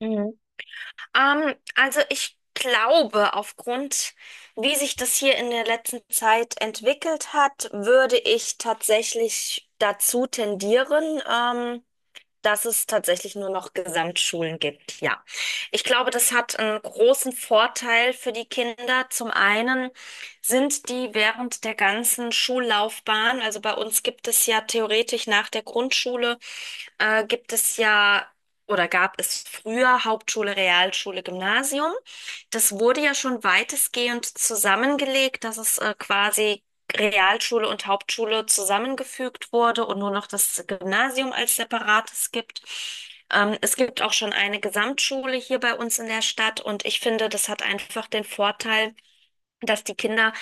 Mhm. Also ich glaube, aufgrund, wie sich das hier in der letzten Zeit entwickelt hat, würde ich tatsächlich dazu tendieren. Dass es tatsächlich nur noch Gesamtschulen gibt, ja. Ich glaube, das hat einen großen Vorteil für die Kinder. Zum einen sind die während der ganzen Schullaufbahn, also bei uns gibt es ja theoretisch nach der Grundschule, gibt es ja oder gab es früher Hauptschule, Realschule, Gymnasium. Das wurde ja schon weitestgehend zusammengelegt, dass es quasi Realschule und Hauptschule zusammengefügt wurde und nur noch das Gymnasium als separates gibt. Es gibt auch schon eine Gesamtschule hier bei uns in der Stadt und ich finde, das hat einfach den Vorteil, dass die Kinder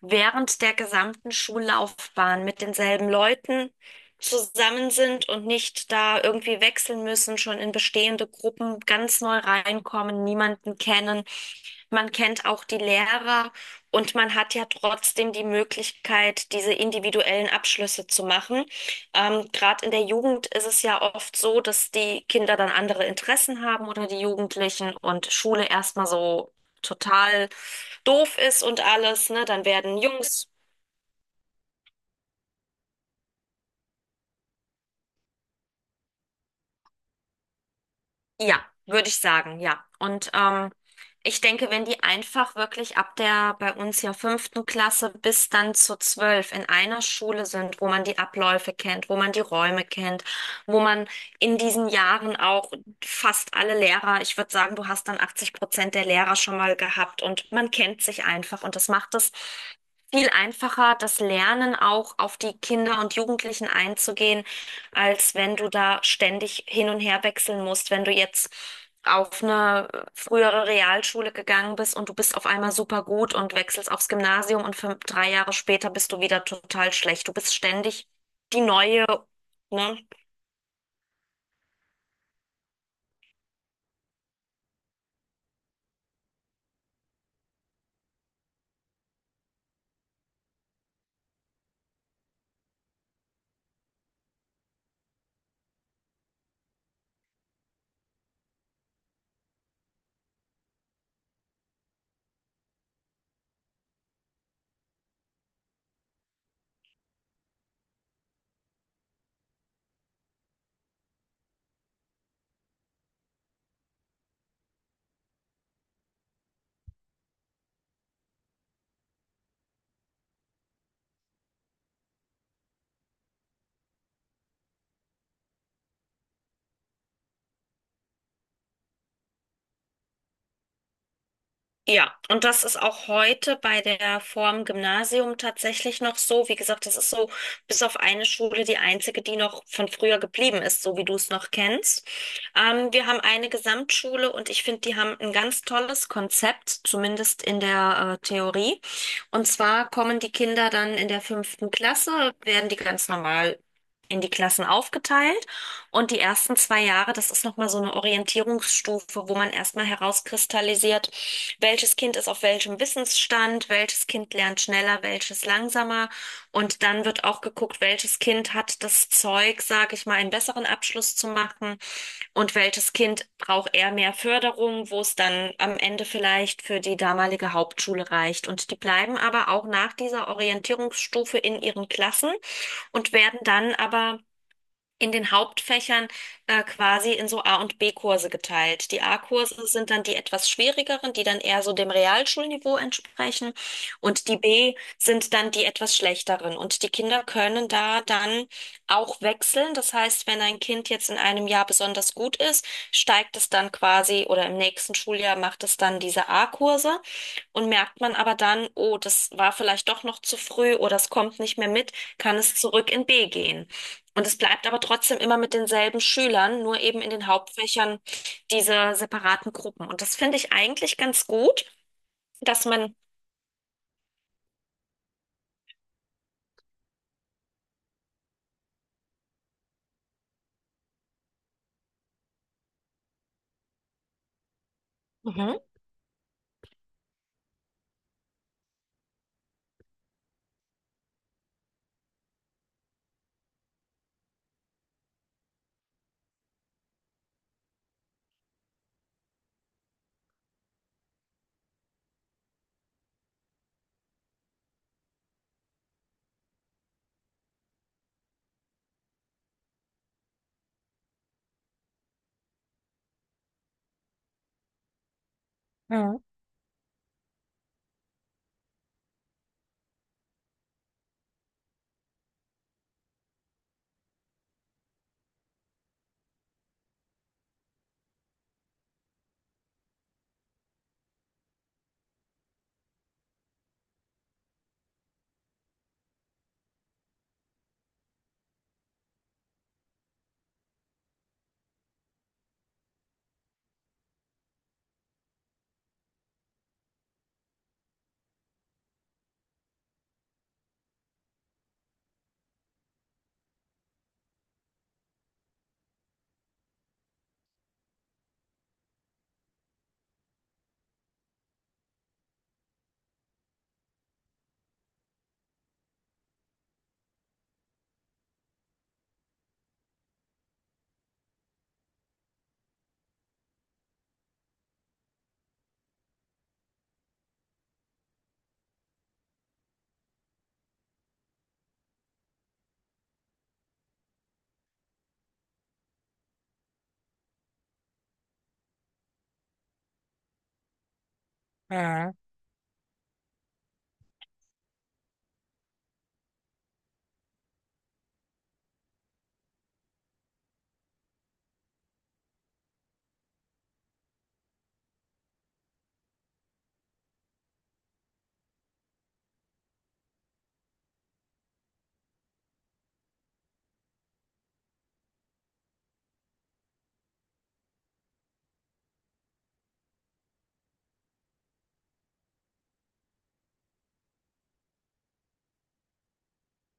während der gesamten Schullaufbahn mit denselben Leuten zusammen sind und nicht da irgendwie wechseln müssen, schon in bestehende Gruppen ganz neu reinkommen, niemanden kennen. Man kennt auch die Lehrer und man hat ja trotzdem die Möglichkeit, diese individuellen Abschlüsse zu machen. Gerade in der Jugend ist es ja oft so, dass die Kinder dann andere Interessen haben oder die Jugendlichen und Schule erstmal so total doof ist und alles, ne? Dann werden Jungs. Ja, würde ich sagen, ja. Und ich denke, wenn die einfach wirklich ab der bei uns ja fünften Klasse bis dann zu zwölf in einer Schule sind, wo man die Abläufe kennt, wo man die Räume kennt, wo man in diesen Jahren auch fast alle Lehrer, ich würde sagen, du hast dann 80% der Lehrer schon mal gehabt und man kennt sich einfach und das macht es viel einfacher, das Lernen auch auf die Kinder und Jugendlichen einzugehen, als wenn du da ständig hin und her wechseln musst, wenn du jetzt auf eine frühere Realschule gegangen bist und du bist auf einmal super gut und wechselst aufs Gymnasium und fünf, drei Jahre später bist du wieder total schlecht. Du bist ständig die neue, ne? Ja, und das ist auch heute bei der Form Gymnasium tatsächlich noch so. Wie gesagt, das ist so bis auf eine Schule die einzige, die noch von früher geblieben ist, so wie du es noch kennst. Wir haben eine Gesamtschule und ich finde, die haben ein ganz tolles Konzept, zumindest in der Theorie. Und zwar kommen die Kinder dann in der fünften Klasse, werden die ganz normal in die Klassen aufgeteilt. Und die ersten zwei Jahre, das ist nochmal so eine Orientierungsstufe, wo man erstmal herauskristallisiert, welches Kind ist auf welchem Wissensstand, welches Kind lernt schneller, welches langsamer. Und dann wird auch geguckt, welches Kind hat das Zeug, sage ich mal, einen besseren Abschluss zu machen und welches Kind braucht eher mehr Förderung, wo es dann am Ende vielleicht für die damalige Hauptschule reicht. Und die bleiben aber auch nach dieser Orientierungsstufe in ihren Klassen und werden dann aber in den Hauptfächern quasi in so A- und B-Kurse geteilt. Die A-Kurse sind dann die etwas schwierigeren, die dann eher so dem Realschulniveau entsprechen. Und die B sind dann die etwas schlechteren. Und die Kinder können da dann auch wechseln. Das heißt, wenn ein Kind jetzt in einem Jahr besonders gut ist, steigt es dann quasi oder im nächsten Schuljahr macht es dann diese A-Kurse. Und merkt man aber dann, oh, das war vielleicht doch noch zu früh oder es kommt nicht mehr mit, kann es zurück in B gehen. Und es bleibt aber trotzdem immer mit denselben Schülern, nur eben in den Hauptfächern diese separaten Gruppen. Und das finde ich eigentlich ganz gut, dass man. Mhm. Mhm. Mhm.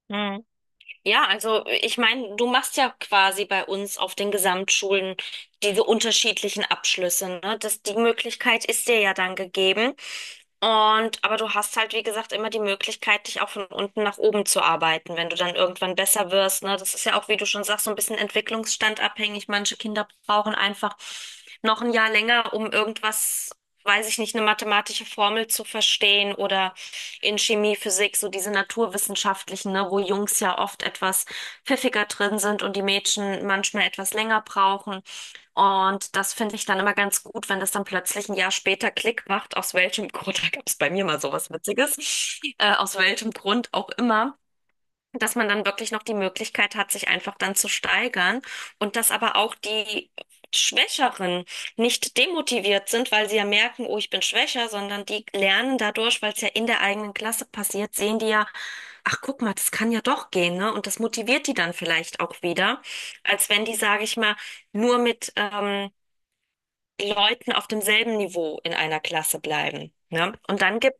Mhm. Ja, also ich meine, du machst ja quasi bei uns auf den Gesamtschulen diese unterschiedlichen Abschlüsse, ne? Das, die Möglichkeit ist dir ja dann gegeben. Und aber du hast halt, wie gesagt, immer die Möglichkeit, dich auch von unten nach oben zu arbeiten, wenn du dann irgendwann besser wirst, ne? Das ist ja auch, wie du schon sagst, so ein bisschen entwicklungsstandabhängig. Manche Kinder brauchen einfach noch ein Jahr länger, um irgendwas, weiß ich nicht, eine mathematische Formel zu verstehen oder in Chemie, Physik, so diese naturwissenschaftlichen, ne, wo Jungs ja oft etwas pfiffiger drin sind und die Mädchen manchmal etwas länger brauchen. Und das finde ich dann immer ganz gut, wenn das dann plötzlich ein Jahr später Klick macht, aus welchem Grund, da gab es bei mir mal sowas Witziges, aus welchem Grund auch immer, dass man dann wirklich noch die Möglichkeit hat, sich einfach dann zu steigern und dass aber auch die Schwächeren nicht demotiviert sind, weil sie ja merken, oh, ich bin schwächer, sondern die lernen dadurch, weil es ja in der eigenen Klasse passiert, sehen die ja, ach guck mal, das kann ja doch gehen, ne? Und das motiviert die dann vielleicht auch wieder, als wenn die, sage ich mal, nur mit Leuten auf demselben Niveau in einer Klasse bleiben. Ne? Und dann gibt's.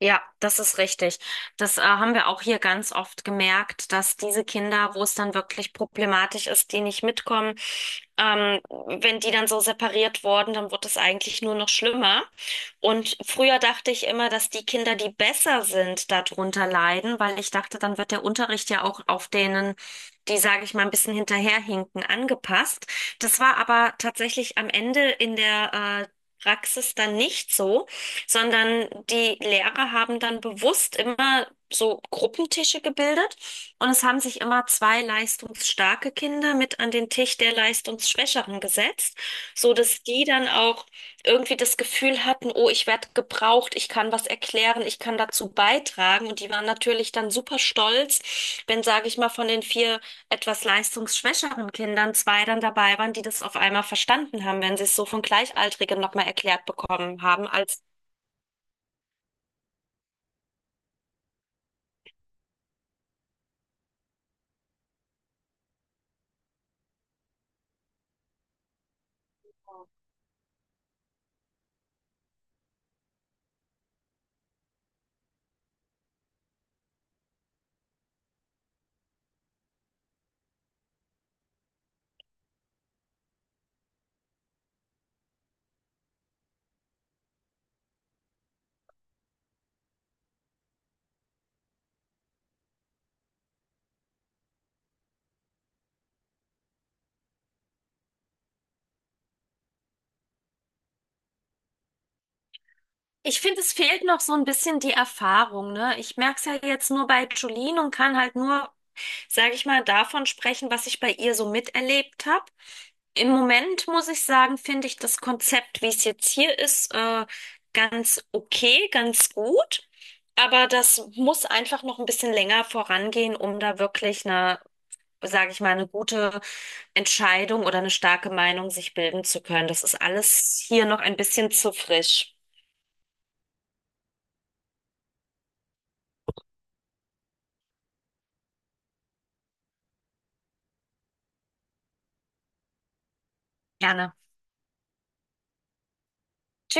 Ja, das ist richtig. Das haben wir auch hier ganz oft gemerkt, dass diese Kinder, wo es dann wirklich problematisch ist, die nicht mitkommen, wenn die dann so separiert wurden, dann wird es eigentlich nur noch schlimmer. Und früher dachte ich immer, dass die Kinder, die besser sind, darunter leiden, weil ich dachte, dann wird der Unterricht ja auch auf denen, die, sage ich mal, ein bisschen hinterherhinken, angepasst. Das war aber tatsächlich am Ende in der Praxis dann nicht so, sondern die Lehrer haben dann bewusst immer so Gruppentische gebildet und es haben sich immer zwei leistungsstarke Kinder mit an den Tisch der leistungsschwächeren gesetzt, so dass die dann auch irgendwie das Gefühl hatten, oh, ich werde gebraucht, ich kann was erklären, ich kann dazu beitragen. Und die waren natürlich dann super stolz, wenn, sage ich mal, von den vier etwas leistungsschwächeren Kindern zwei dann dabei waren, die das auf einmal verstanden haben, wenn sie es so von Gleichaltrigen nochmal erklärt bekommen haben, als. Ich finde, es fehlt noch so ein bisschen die Erfahrung, ne? Ich merke es ja jetzt nur bei Jolene und kann halt nur, sage ich mal, davon sprechen, was ich bei ihr so miterlebt habe. Im Moment muss ich sagen, finde ich das Konzept, wie es jetzt hier ist, ganz okay, ganz gut. Aber das muss einfach noch ein bisschen länger vorangehen, um da wirklich eine, sage ich mal, eine gute Entscheidung oder eine starke Meinung sich bilden zu können. Das ist alles hier noch ein bisschen zu frisch. Gerne. Tschüss.